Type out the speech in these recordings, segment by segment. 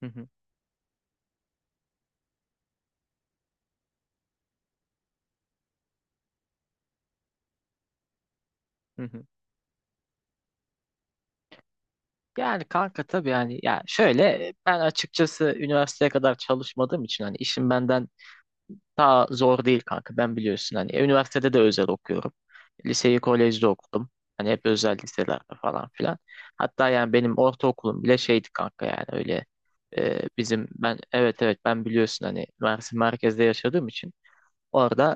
Hı hı, hı hı. Yani kanka tabii yani ya şöyle, ben açıkçası üniversiteye kadar çalışmadığım için hani işim benden daha zor değil kanka, ben biliyorsun hani üniversitede de özel okuyorum. Liseyi kolejde okudum. Hani hep özel liselerde falan filan. Hatta yani benim ortaokulum bile şeydi kanka, yani öyle, e, bizim ben, evet evet, ben biliyorsun hani Mersin merkezde yaşadığım için orada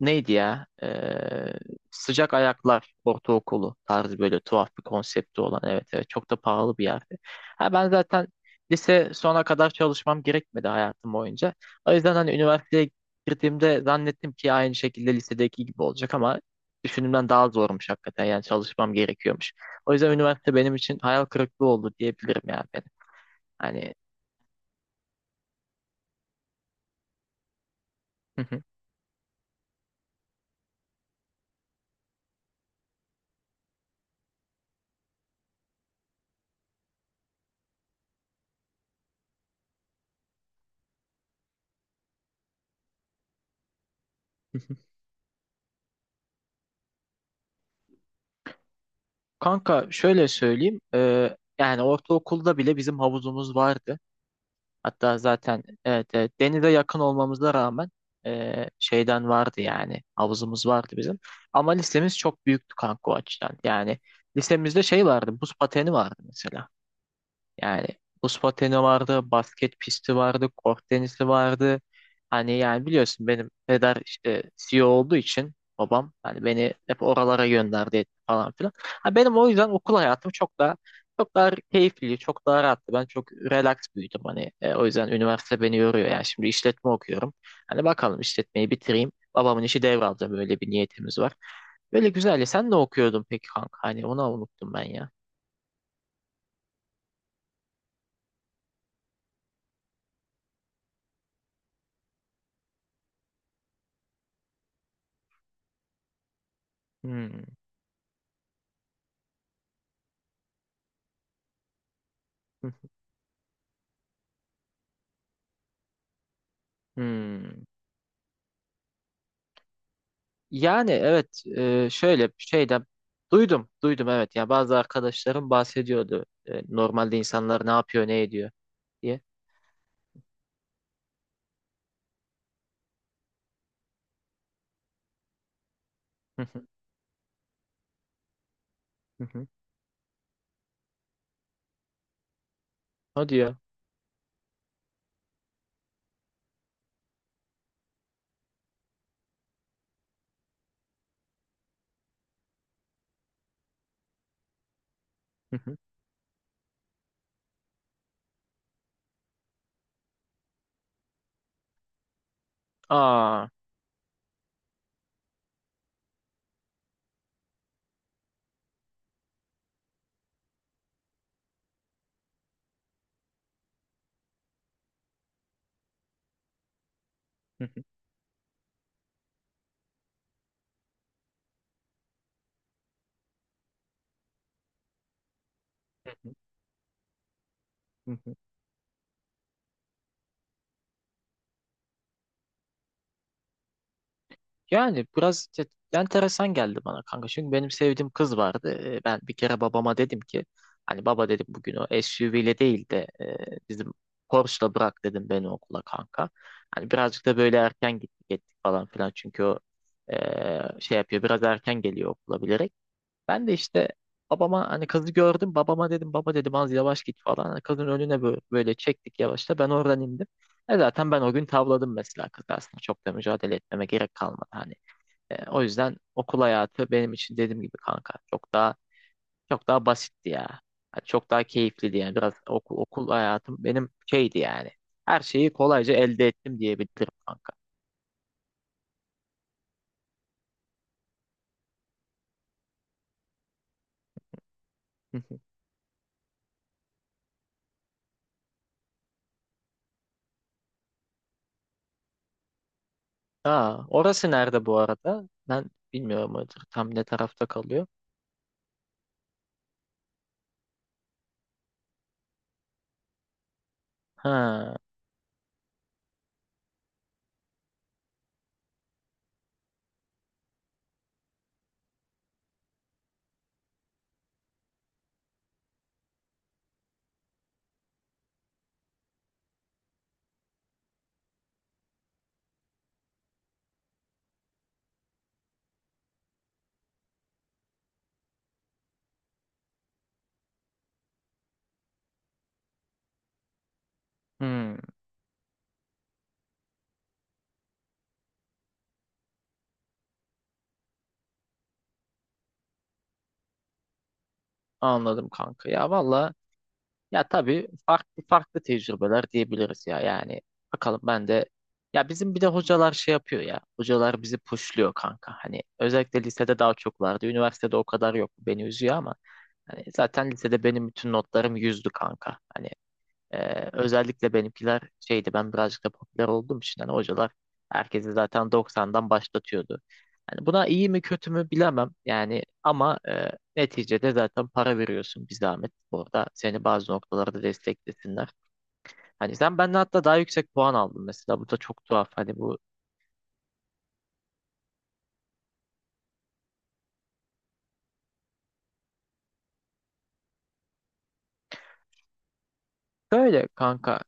neydi ya? Sıcak Ayaklar Ortaokulu tarzı, böyle tuhaf bir konsepti olan. Evet, evet, çok da pahalı bir yerdi. Ha, ben zaten lise sona kadar çalışmam gerekmedi hayatım boyunca. O yüzden hani üniversiteye girdiğimde zannettim ki aynı şekilde lisedeki gibi olacak ama düşündüğümden daha zormuş hakikaten. Yani çalışmam gerekiyormuş. O yüzden üniversite benim için hayal kırıklığı oldu diyebilirim yani benim. Hani Kanka şöyle söyleyeyim. Yani ortaokulda bile bizim havuzumuz vardı. Hatta zaten evet, evet, denize yakın olmamıza rağmen şeyden vardı, yani havuzumuz vardı bizim. Ama lisemiz çok büyüktü kanka o açıdan. Yani lisemizde şey vardı, buz pateni vardı mesela. Yani buz pateni vardı, basket pisti vardı, kort tenisi vardı. Hani yani biliyorsun benim peder işte CEO olduğu için babam hani beni hep oralara gönderdi etti falan filan. Ha, benim o yüzden okul hayatım çok daha keyifli, çok daha rahattı. Ben çok relax büyüdüm hani. O yüzden üniversite beni yoruyor. Yani şimdi işletme okuyorum. Hani bakalım, işletmeyi bitireyim, babamın işi devralacağım, öyle bir niyetimiz var. Böyle güzel ya. Sen ne okuyordun peki kanka? Hani onu unuttum ben ya. Hmm. Hmm. Yani evet, şöyle bir şeyden duydum, duydum, evet, ya bazı arkadaşlarım bahsediyordu, normalde insanlar ne yapıyor ne ediyor diye. Hı hı, hı hı. O diyor. Hı hı. Aa. Hı hı, hı hı, hı hı. Yani biraz enteresan geldi bana kanka. Çünkü benim sevdiğim kız vardı. Ben bir kere babama dedim ki, hani baba dedim, bugün o SUV ile değil de bizim Porsche'la bırak dedim beni okula kanka. Hani birazcık da böyle erken gittik ettik falan filan. Çünkü o şey yapıyor, biraz erken geliyor okula bilerek. Ben de işte babama hani kızı gördüm. Babama dedim baba dedim az yavaş git falan. Hani kızın önüne böyle, böyle çektik yavaşta. Ben oradan indim. E, zaten ben o gün tavladım mesela kızı aslında. Çok da mücadele etmeme gerek kalmadı. Hani o yüzden okul hayatı benim için dediğim gibi kanka çok daha basitti ya. Ha, çok daha keyifliydi yani, biraz okul hayatım benim şeydi yani. Her şeyi kolayca elde ettim diyebilirim kanka. Hı hı. Aa, orası nerede bu arada? Ben bilmiyorum tam ne tarafta kalıyor. Ha, hmm, anladım kanka. Ya valla. Ya tabii, farklı farklı tecrübeler diyebiliriz ya, yani bakalım ben de. Ya bizim bir de hocalar şey yapıyor ya, hocalar bizi pushluyor kanka, hani özellikle lisede daha çok vardı, üniversitede o kadar yok, beni üzüyor ama hani zaten lisede benim bütün notlarım yüzdü kanka hani, özellikle benimkiler şeydi, ben birazcık da popüler olduğum için hani hocalar herkesi zaten 90'dan başlatıyordu. Hani buna iyi mi kötü mü bilemem yani, ama neticede zaten para veriyorsun bir zahmet, orada seni bazı noktalarda desteklesinler. Hani sen benden hatta daha yüksek puan aldın mesela, bu da çok tuhaf hani, bu böyle kanka,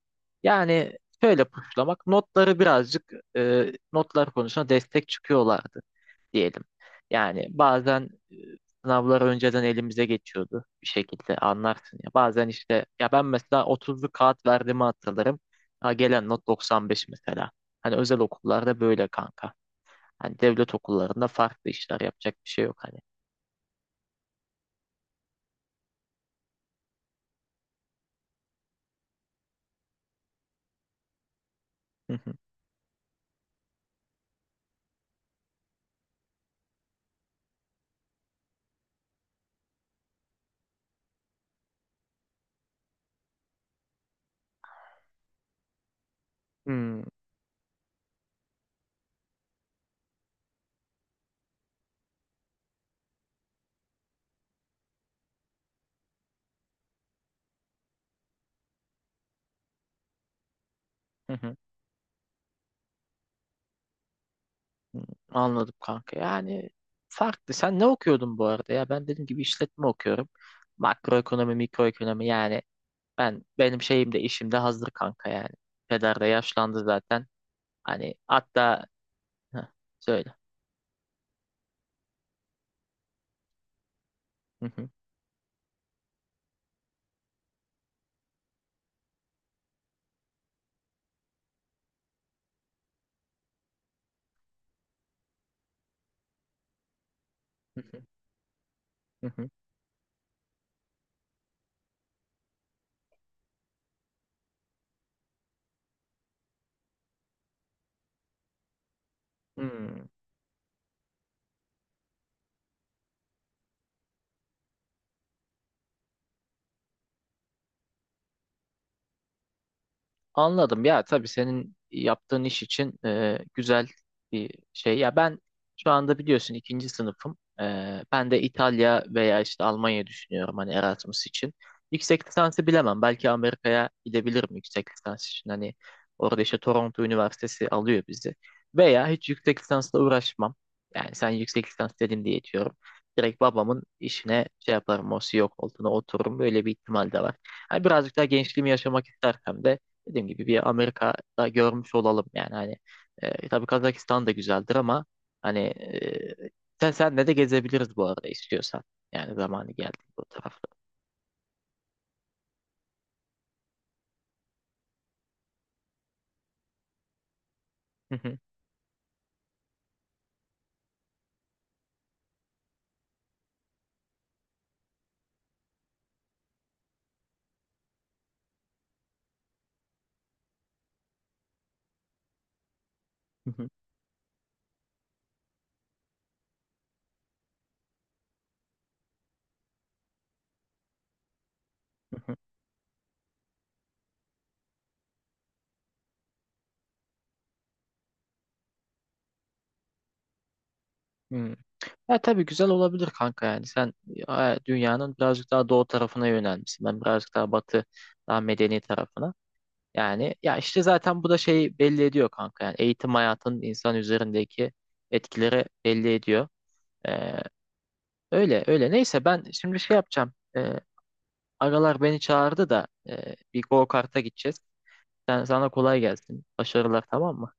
yani şöyle puşlamak, notları birazcık, notlar konusunda destek çıkıyorlardı diyelim. Yani bazen sınavlar önceden elimize geçiyordu bir şekilde, anlarsın ya. Bazen işte ya, ben mesela 30'lu kağıt verdiğimi hatırlarım. Ha, gelen not 95 mesela. Hani özel okullarda böyle kanka. Hani devlet okullarında farklı işler yapacak bir şey yok hani. Hı hı. Hmm, hı hı, hı. Anladım kanka. Yani farklı. Sen ne okuyordun bu arada ya? Ben dediğim gibi işletme okuyorum. Makroekonomi, mikroekonomi yani, benim şeyim de işim de hazır kanka yani. Peder de yaşlandı zaten. Hani hatta... Heh, söyle. Hı hı, hı hı, hı hı. Hmm. Anladım ya, tabii senin yaptığın iş için güzel bir şey. Ya ben şu anda biliyorsun ikinci sınıfım. Ben de İtalya veya işte Almanya düşünüyorum hani Erasmus için. Yüksek lisansı bilemem. Belki Amerika'ya gidebilirim yüksek lisans için. Hani orada işte Toronto Üniversitesi alıyor bizi. Veya hiç yüksek lisansla uğraşmam. Yani sen yüksek lisans dedin diye diyorum. Direkt babamın işine şey yaparım, o CEO koltuğuna otururum. Böyle bir ihtimal de var. Hani birazcık daha gençliğimi yaşamak istersem de dediğim gibi bir Amerika'da görmüş olalım yani hani, tabii Kazakistan da güzeldir ama hani senle de gezebiliriz bu arada istiyorsan, yani zamanı geldi bu tarafta. Hı hı, hı hı, hı hı, hı. Ya tabii güzel olabilir kanka, yani sen dünyanın birazcık daha doğu tarafına yönelmişsin, ben birazcık daha batı, daha medeni tarafına, yani ya işte zaten bu da şeyi belli ediyor kanka, yani eğitim hayatının insan üzerindeki etkileri belli ediyor. E, Öyle öyle. Neyse ben şimdi şey yapacağım. Agalar beni çağırdı da bir go kart'a gideceğiz. Sana kolay gelsin. Başarılar, tamam mı?